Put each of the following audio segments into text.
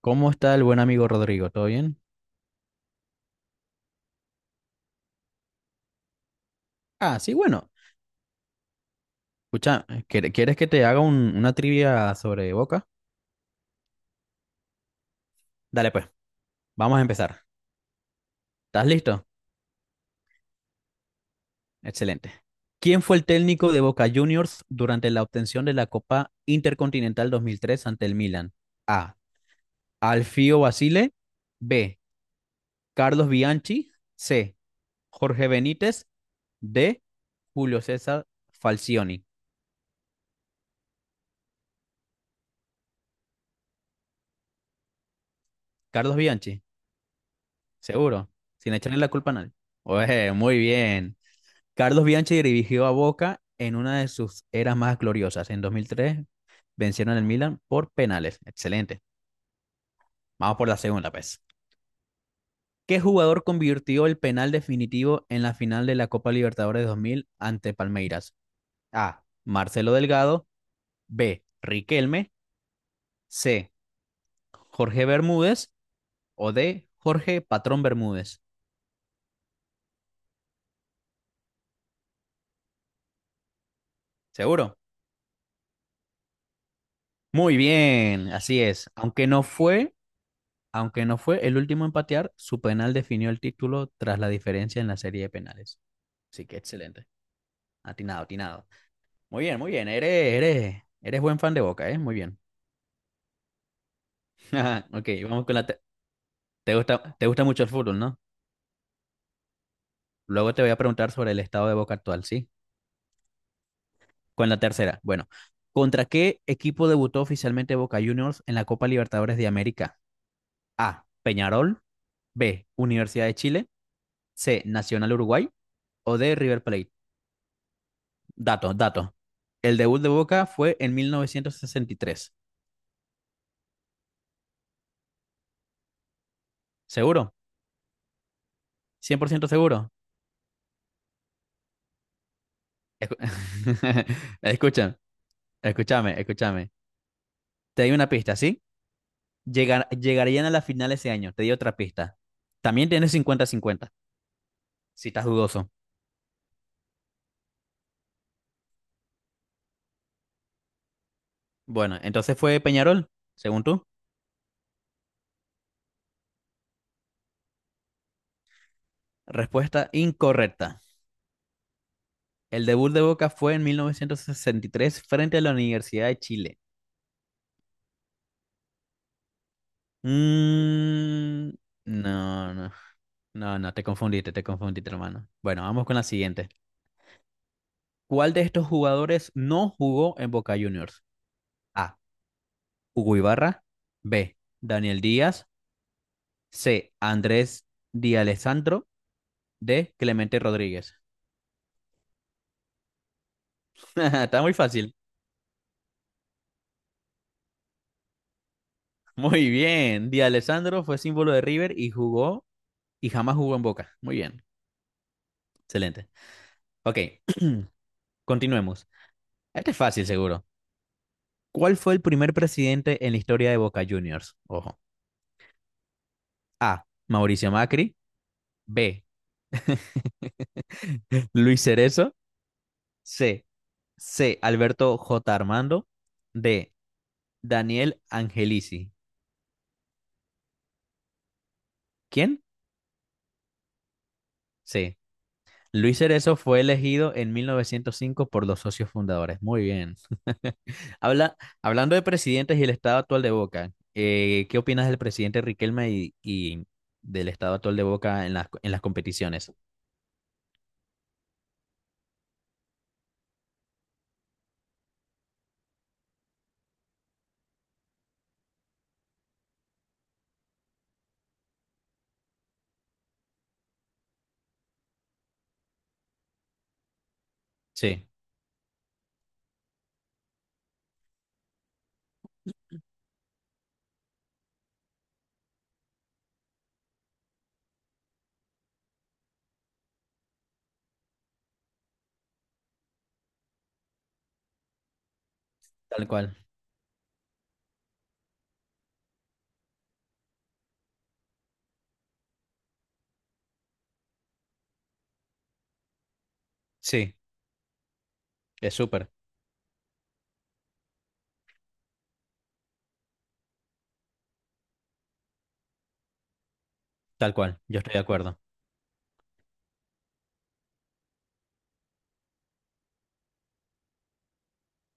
¿Cómo está el buen amigo Rodrigo? ¿Todo bien? Ah, sí, bueno. Escucha, ¿quieres que te haga una trivia sobre Boca? Dale, pues, vamos a empezar. ¿Estás listo? Excelente. ¿Quién fue el técnico de Boca Juniors durante la obtención de la Copa Intercontinental 2003 ante el Milan? A. Alfio Basile. B. Carlos Bianchi. C. Jorge Benítez. D. Julio César Falcioni. Carlos Bianchi, seguro, sin echarle la culpa a nadie. Oye, muy bien. Carlos Bianchi dirigió a Boca en una de sus eras más gloriosas. En 2003 vencieron al Milan por penales. Excelente. Vamos por la segunda, pues. ¿Qué jugador convirtió el penal definitivo en la final de la Copa Libertadores 2000 ante Palmeiras? A. Marcelo Delgado. B. Riquelme. C. Jorge Bermúdez. O D. Jorge Patrón Bermúdez. ¿Seguro? Muy bien, así es. Aunque no fue el último en patear, su penal definió el título tras la diferencia en la serie de penales. Así que excelente. Atinado, atinado. Muy bien, muy bien. Eres buen fan de Boca, ¿eh? Muy bien. Ok, vamos con la... te- te gusta mucho el fútbol, ¿no? Luego te voy a preguntar sobre el estado de Boca actual, ¿sí? Con la tercera. Bueno, ¿contra qué equipo debutó oficialmente Boca Juniors en la Copa Libertadores de América? A. Peñarol. B. Universidad de Chile. C. Nacional Uruguay. O D. River Plate. Dato, dato. El debut de Boca fue en 1963. ¿Seguro? ¿100% seguro? Escu- Escucha, escúchame, escúchame. Te di una pista, ¿sí? Llegarían a la final ese año. Te di otra pista. También tienes cincuenta cincuenta si estás dudoso. Bueno, entonces fue Peñarol, según tú. Respuesta incorrecta. El debut de Boca fue en 1963 frente a la Universidad de Chile. Mm, no, no. No, no, te confundiste, hermano. Bueno, vamos con la siguiente. ¿Cuál de estos jugadores no jugó en Boca Juniors? A. Hugo Ibarra. B. Daniel Díaz. C. Andrés Di Alessandro. D. Clemente Rodríguez. Está muy fácil. Muy bien. Di Alessandro fue símbolo de River y jugó y jamás jugó en Boca. Muy bien. Excelente. Ok, continuemos. Este es fácil, seguro. ¿Cuál fue el primer presidente en la historia de Boca Juniors? Ojo. A. Mauricio Macri. B. Luis Cerezo, C. C. Alberto J. Armando, D. Daniel Angelici. ¿Quién? C. Luis Cerezo fue elegido en 1905 por los socios fundadores. Muy bien. Habla, hablando de presidentes y el estado actual de Boca, ¿qué opinas del presidente Riquelme y del estado actual de Boca en las competiciones? Sí, tal cual. Sí, es súper, tal cual. Yo estoy de acuerdo.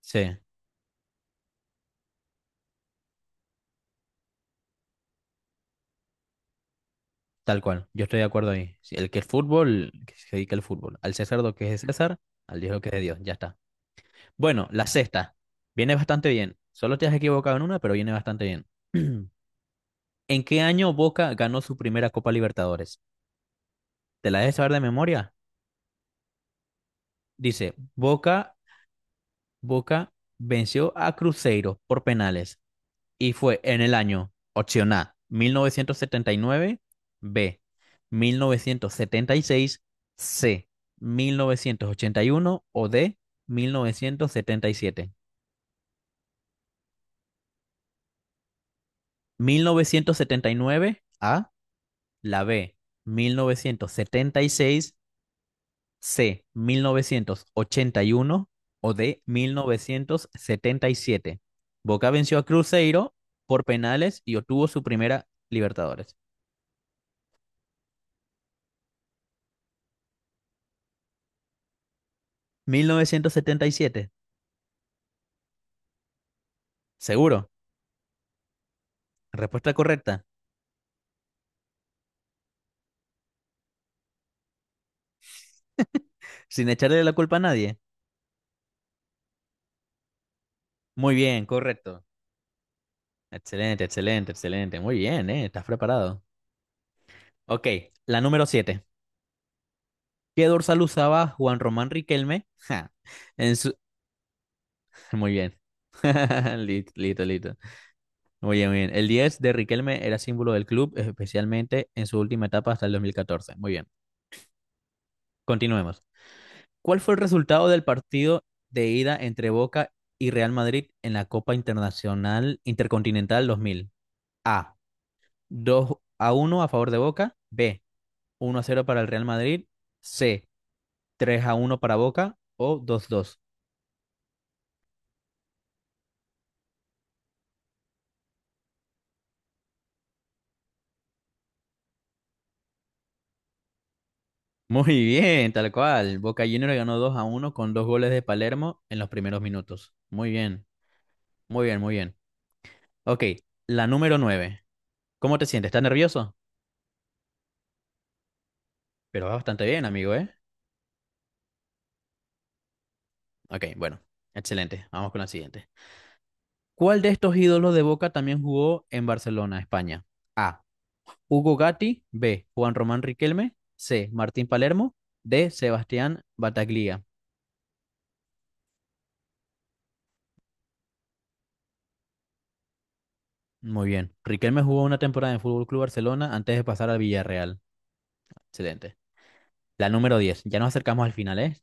Sí. Tal cual, yo estoy de acuerdo ahí. Si el que es fútbol, que se dedica al fútbol. Al César lo que es de César, al Dios lo que es de Dios, ya está. Bueno, la sexta. Viene bastante bien. Solo te has equivocado en una, pero viene bastante bien. ¿En qué año Boca ganó su primera Copa Libertadores? ¿Te la debes saber de memoria? Dice, Boca venció a Cruzeiro por penales. Y fue en el año, opción A, 1979; B, 1976; C, 1981; o D, mil novecientos setenta y siete. 1979 A, la B, 1976 C, 1981 o D, 1977. Boca venció a Cruzeiro por penales y obtuvo su primera Libertadores. 1977. Seguro. Respuesta correcta. Sin echarle la culpa a nadie. Muy bien, correcto. Excelente, excelente, excelente. Muy bien, ¿eh? Estás preparado. Ok, la número 7. ¿Qué dorsal usaba Juan Román Riquelme? Ja, en su... Muy bien. Listo, listo, listo. Muy bien, muy bien. El 10 de Riquelme era símbolo del club, especialmente en su última etapa hasta el 2014. Muy bien. Continuemos. ¿Cuál fue el resultado del partido de ida entre Boca y Real Madrid en la Copa Internacional Intercontinental 2000? A, 2-1 a favor de Boca. B, 1-0 para el Real Madrid. C, 3-1 para Boca. O dos dos. Muy bien, tal cual. Boca Juniors ganó 2-1 con dos goles de Palermo en los primeros minutos. Muy bien, muy bien, muy bien. Ok, la número nueve. ¿Cómo te sientes? ¿Estás nervioso? Pero va bastante bien, amigo, ¿eh? Ok, bueno, excelente. Vamos con la siguiente. ¿Cuál de estos ídolos de Boca también jugó en Barcelona, España? A. Hugo Gatti, B. Juan Román Riquelme, C. Martín Palermo, D. Sebastián Bataglia. Muy bien. Riquelme jugó una temporada en el Fútbol Club Barcelona antes de pasar al Villarreal. Excelente. La número 10. Ya nos acercamos al final, ¿eh?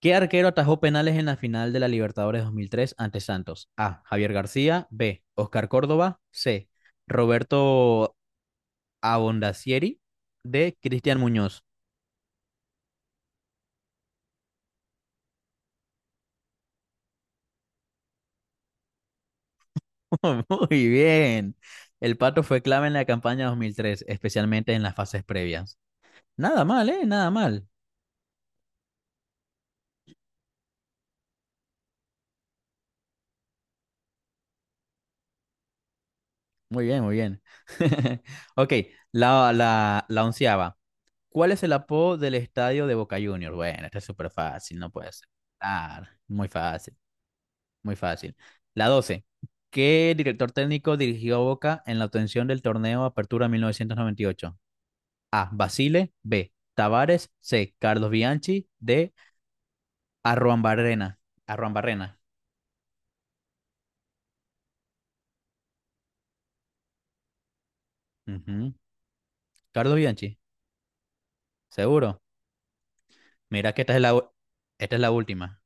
¿Qué arquero atajó penales en la final de la Libertadores 2003 ante Santos? A. Javier García, B. Oscar Córdoba, C. Roberto Abondacieri, D. Cristian Muñoz. Muy bien. El pato fue clave en la campaña 2003, especialmente en las fases previas. Nada mal, ¿eh? Nada mal. Muy bien, muy bien. Ok, la onceava. ¿Cuál es el apodo del estadio de Boca Juniors? Bueno, esta es súper fácil, no puede ser. Ah, muy fácil, muy fácil. La doce. ¿Qué director técnico dirigió a Boca en la obtención del torneo Apertura 1998? A. Basile. B. Tavares. C. Carlos Bianchi. D. Arruabarrena. Arruabarrena. Ujú. Carlos Bianchi, seguro. Mira que esta es la última.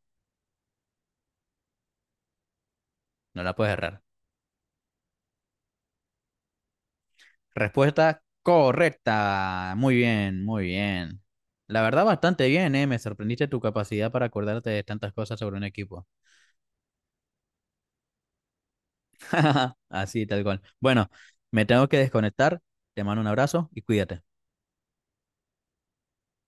No la puedes errar. Respuesta correcta. Muy bien, muy bien. La verdad, bastante bien, ¿eh? Me sorprendiste tu capacidad para acordarte de tantas cosas sobre un equipo. Así, tal cual. Bueno, me tengo que desconectar. Te mando un abrazo y cuídate.